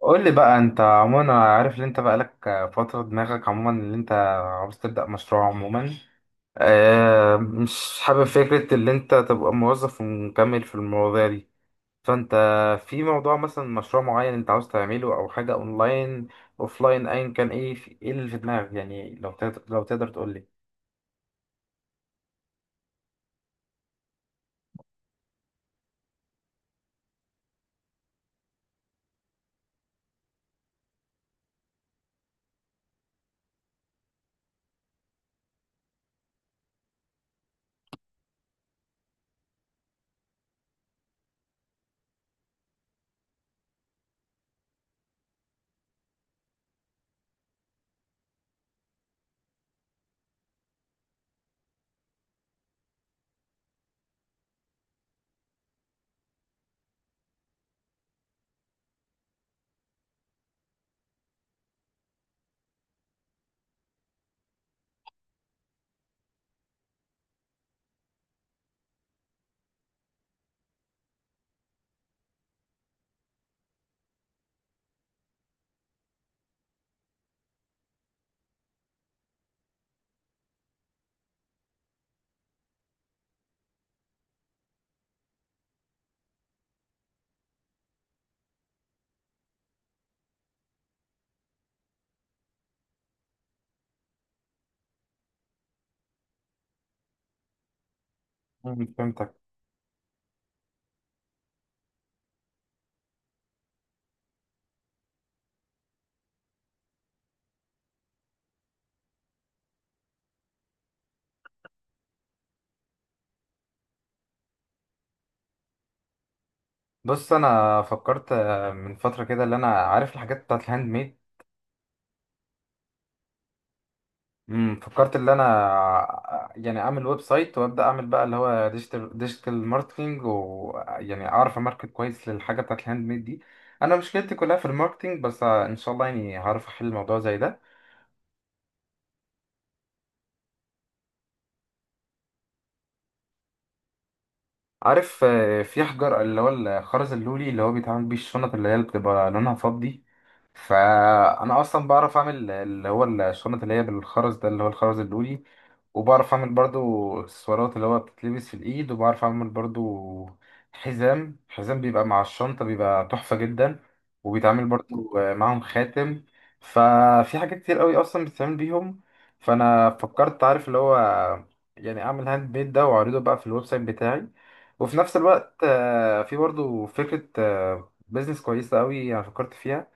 قول لي بقى، انت عموما انا عارف ان انت بقالك فترة دماغك عموما ان انت عاوز تبدأ مشروع. عموما اه، مش حابب فكرة ان انت تبقى موظف ومكمل في المواضيع دي. فانت في موضوع مثلا مشروع معين انت عاوز تعمله، او حاجة اونلاين اوفلاين ايا كان، ايه في ايه اللي في دماغك؟ يعني لو تقدر تقول لي. مم. فهمتك. بص، انا فكرت من فترة كده، اللي انا عارف الحاجات بتاعت الهاند ميد. فكرت ان انا يعني اعمل ويب سايت، وابدا اعمل بقى اللي هو ديجيتال ماركتنج، ويعني اعرف اماركت كويس للحاجه بتاعت الهاند ميد دي. انا مشكلتي كلها في الماركتنج، بس ان شاء الله يعني هعرف احل الموضوع زي ده. عارف، في حجر اللي هو الخرز اللولي اللي هو بيتعمل بيه الشنط اللي هي بتبقى لونها فضي. فانا اصلا بعرف اعمل اللي هو الشنط اللي هي بالخرز ده، اللي هو الخرز اللولي. وبعرف اعمل برضو اكسسوارات اللي هو بتتلبس في الايد، وبعرف اعمل برضو حزام بيبقى مع الشنطة، بيبقى تحفة جدا. وبيتعمل برضو معاهم خاتم. ففي حاجات كتير قوي اصلا بتتعمل بيهم. فانا فكرت، عارف اللي هو يعني اعمل هاند ميد ده واعرضه بقى في الويب سايت بتاعي. وفي نفس الوقت في برضو فكرة بيزنس كويسة قوي انا فكرت فيها.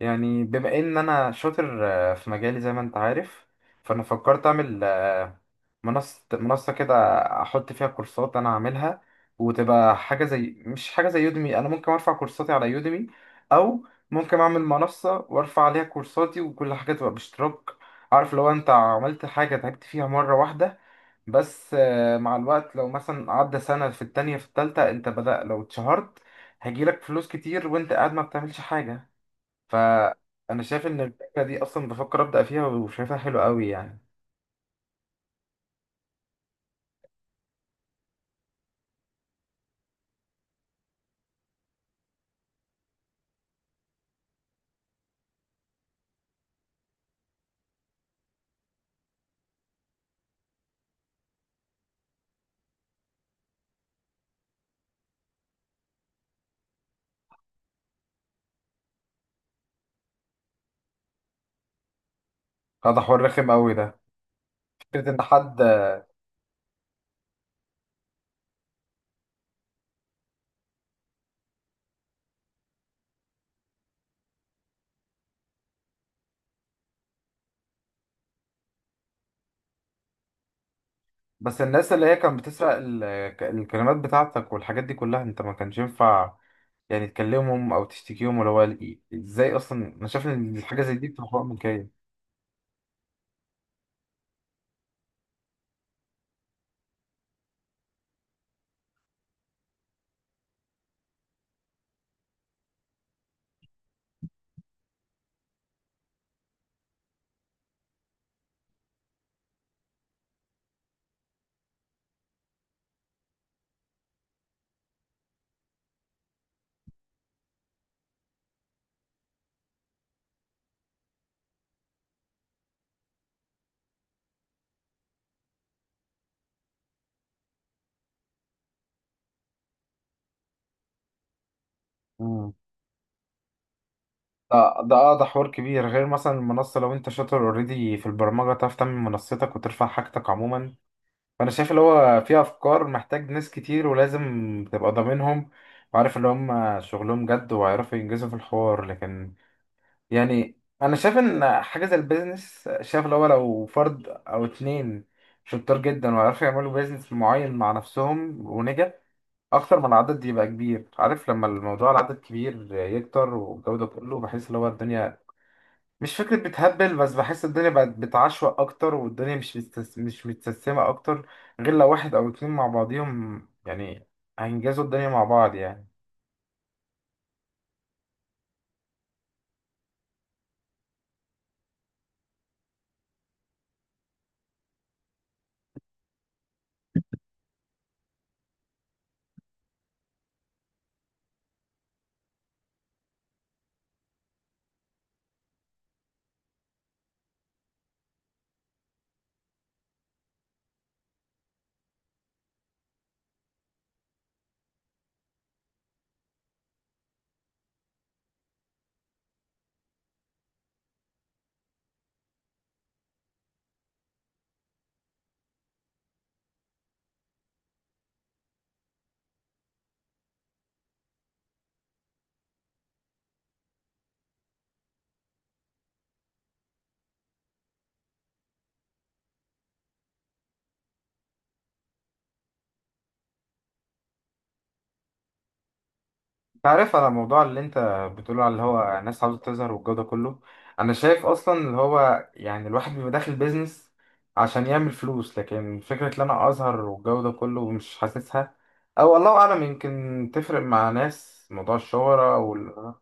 يعني بما ان انا شاطر في مجالي زي ما انت عارف، فانا فكرت اعمل منصة كده، احط فيها كورسات انا هعملها. وتبقى حاجة زي، مش حاجة زي يوديمي. انا ممكن ارفع كورساتي على يوديمي، او ممكن اعمل منصة وارفع عليها كورساتي وكل حاجة تبقى باشتراك. عارف، لو انت عملت حاجة تعبت فيها مرة واحدة بس، مع الوقت لو مثلا عدى سنة في التانية في التالتة، انت بدأ لو اتشهرت، هيجيلك فلوس كتير وانت قاعد ما بتعملش حاجة. فانا شايف ان الفكره دي اصلا بفكر ابدا فيها، وشايفها حلو قوي يعني. هذا حوار رخم قوي ده، فكره ان حد... بس الناس اللي هي كانت بتسرق الكلمات بتاعتك والحاجات دي كلها، انت ما كانش ينفع يعني تكلمهم او تشتكيهم. ولا هو ازاي اصلا؟ انا شايف ان الحاجه زي دي بتبقى حقوق ملكيه. مم. ده ده حوار كبير، غير مثلا المنصه. لو انت شاطر اوريدي في البرمجه، تعرف تعمل منصتك وترفع حاجتك عموما. فانا شايف اللي هو في افكار محتاج ناس كتير، ولازم تبقى ضامنهم وعارف اللي هم شغلهم جد وهيعرفوا ينجزوا في الحوار. لكن يعني انا شايف ان حاجه زي البيزنس، شايف اللي هو لو فرد او اتنين شطار جدا وعرفوا يعملوا بيزنس معين مع نفسهم ونجح، اكتر من العدد يبقى كبير. عارف، لما الموضوع العدد كبير يكتر والجو ده كله، بحس اللي هو الدنيا مش فكرة بتهبل. بس بحس الدنيا بقت بتعشوق أكتر، والدنيا مش مش متسمة أكتر، غير لو واحد أو اتنين مع بعضيهم يعني، هينجزوا الدنيا مع بعض يعني. أنت عارف، على الموضوع اللي أنت بتقوله على اللي هو ناس عاوزة تظهر والجو ده كله، أنا شايف أصلا اللي هو يعني الواحد بيبقى داخل بيزنس عشان يعمل فلوس، لكن فكرة إن أنا أظهر والجو ده كله مش حاسسها. أو الله أعلم، يمكن تفرق مع ناس موضوع الشهرة وال...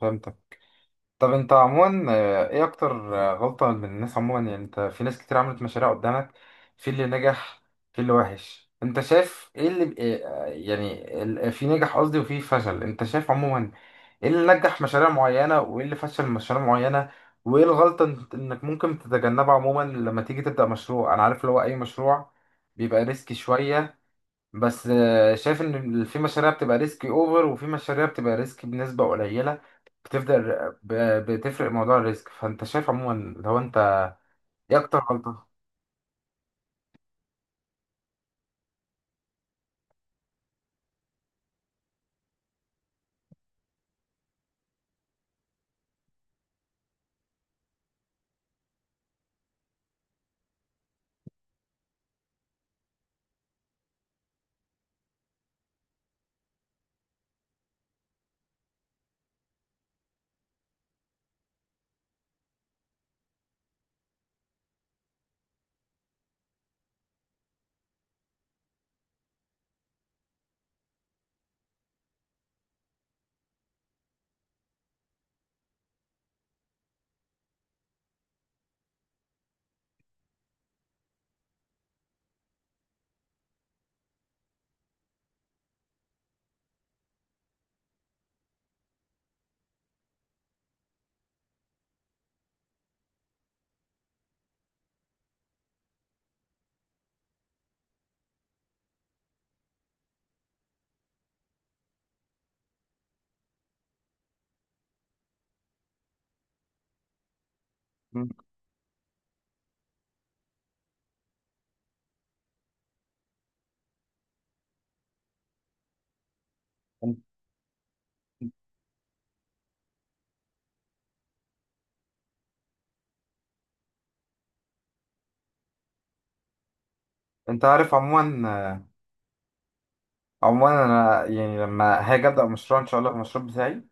فهمتك. طب انت عموما، ايه اكتر غلطة من الناس عموما؟ يعني انت في ناس كتير عملت مشاريع قدامك، في اللي نجح في اللي وحش. انت شايف ايه اللي ايه، يعني في نجح قصدي وفي فشل؟ انت شايف عموما ايه اللي نجح مشاريع معينة وايه اللي فشل مشاريع معينة؟ وايه الغلطة انك ممكن تتجنبها عموما لما تيجي تبدأ مشروع؟ انا عارف اللي هو اي مشروع بيبقى ريسكي شوية، بس شايف ان في مشاريع بتبقى ريسكي اوفر وفي مشاريع بتبقى ريسكي بنسبة قليلة. بتفضل ب- بتفرق موضوع الريسك. فانت شايف عموما لو انت ايه اكتر غلطة؟ مم. انت عارف عموما، عموما انا يعني لما هاجي ابدا مشروع ان شاء الله المشروع بتاعي،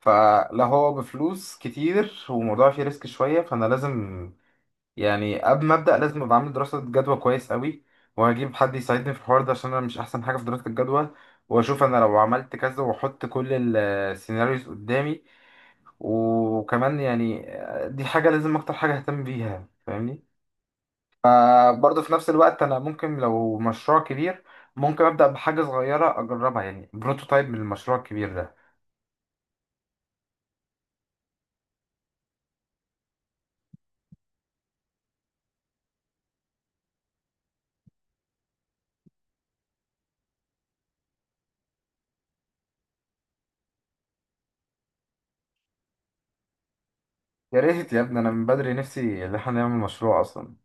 فلا هو بفلوس كتير وموضوع فيه ريسك شويه، فانا لازم يعني قبل ما ابدا لازم ابقى عامل دراسه جدوى كويس قوي، وهجيب حد يساعدني في الحوار ده عشان انا مش احسن حاجه في دراسه الجدوى. واشوف انا لو عملت كذا واحط كل السيناريوز قدامي، وكمان يعني دي حاجه لازم اكتر حاجه اهتم بيها، فاهمني؟ برضه في نفس الوقت، انا ممكن لو مشروع كبير، ممكن ابدا بحاجه صغيره اجربها يعني بروتوتايب من المشروع الكبير ده. يا ريت يا ابني، انا من بدري نفسي ان احنا نعمل مشروع اصلا.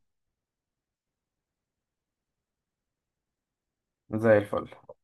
زي الفل.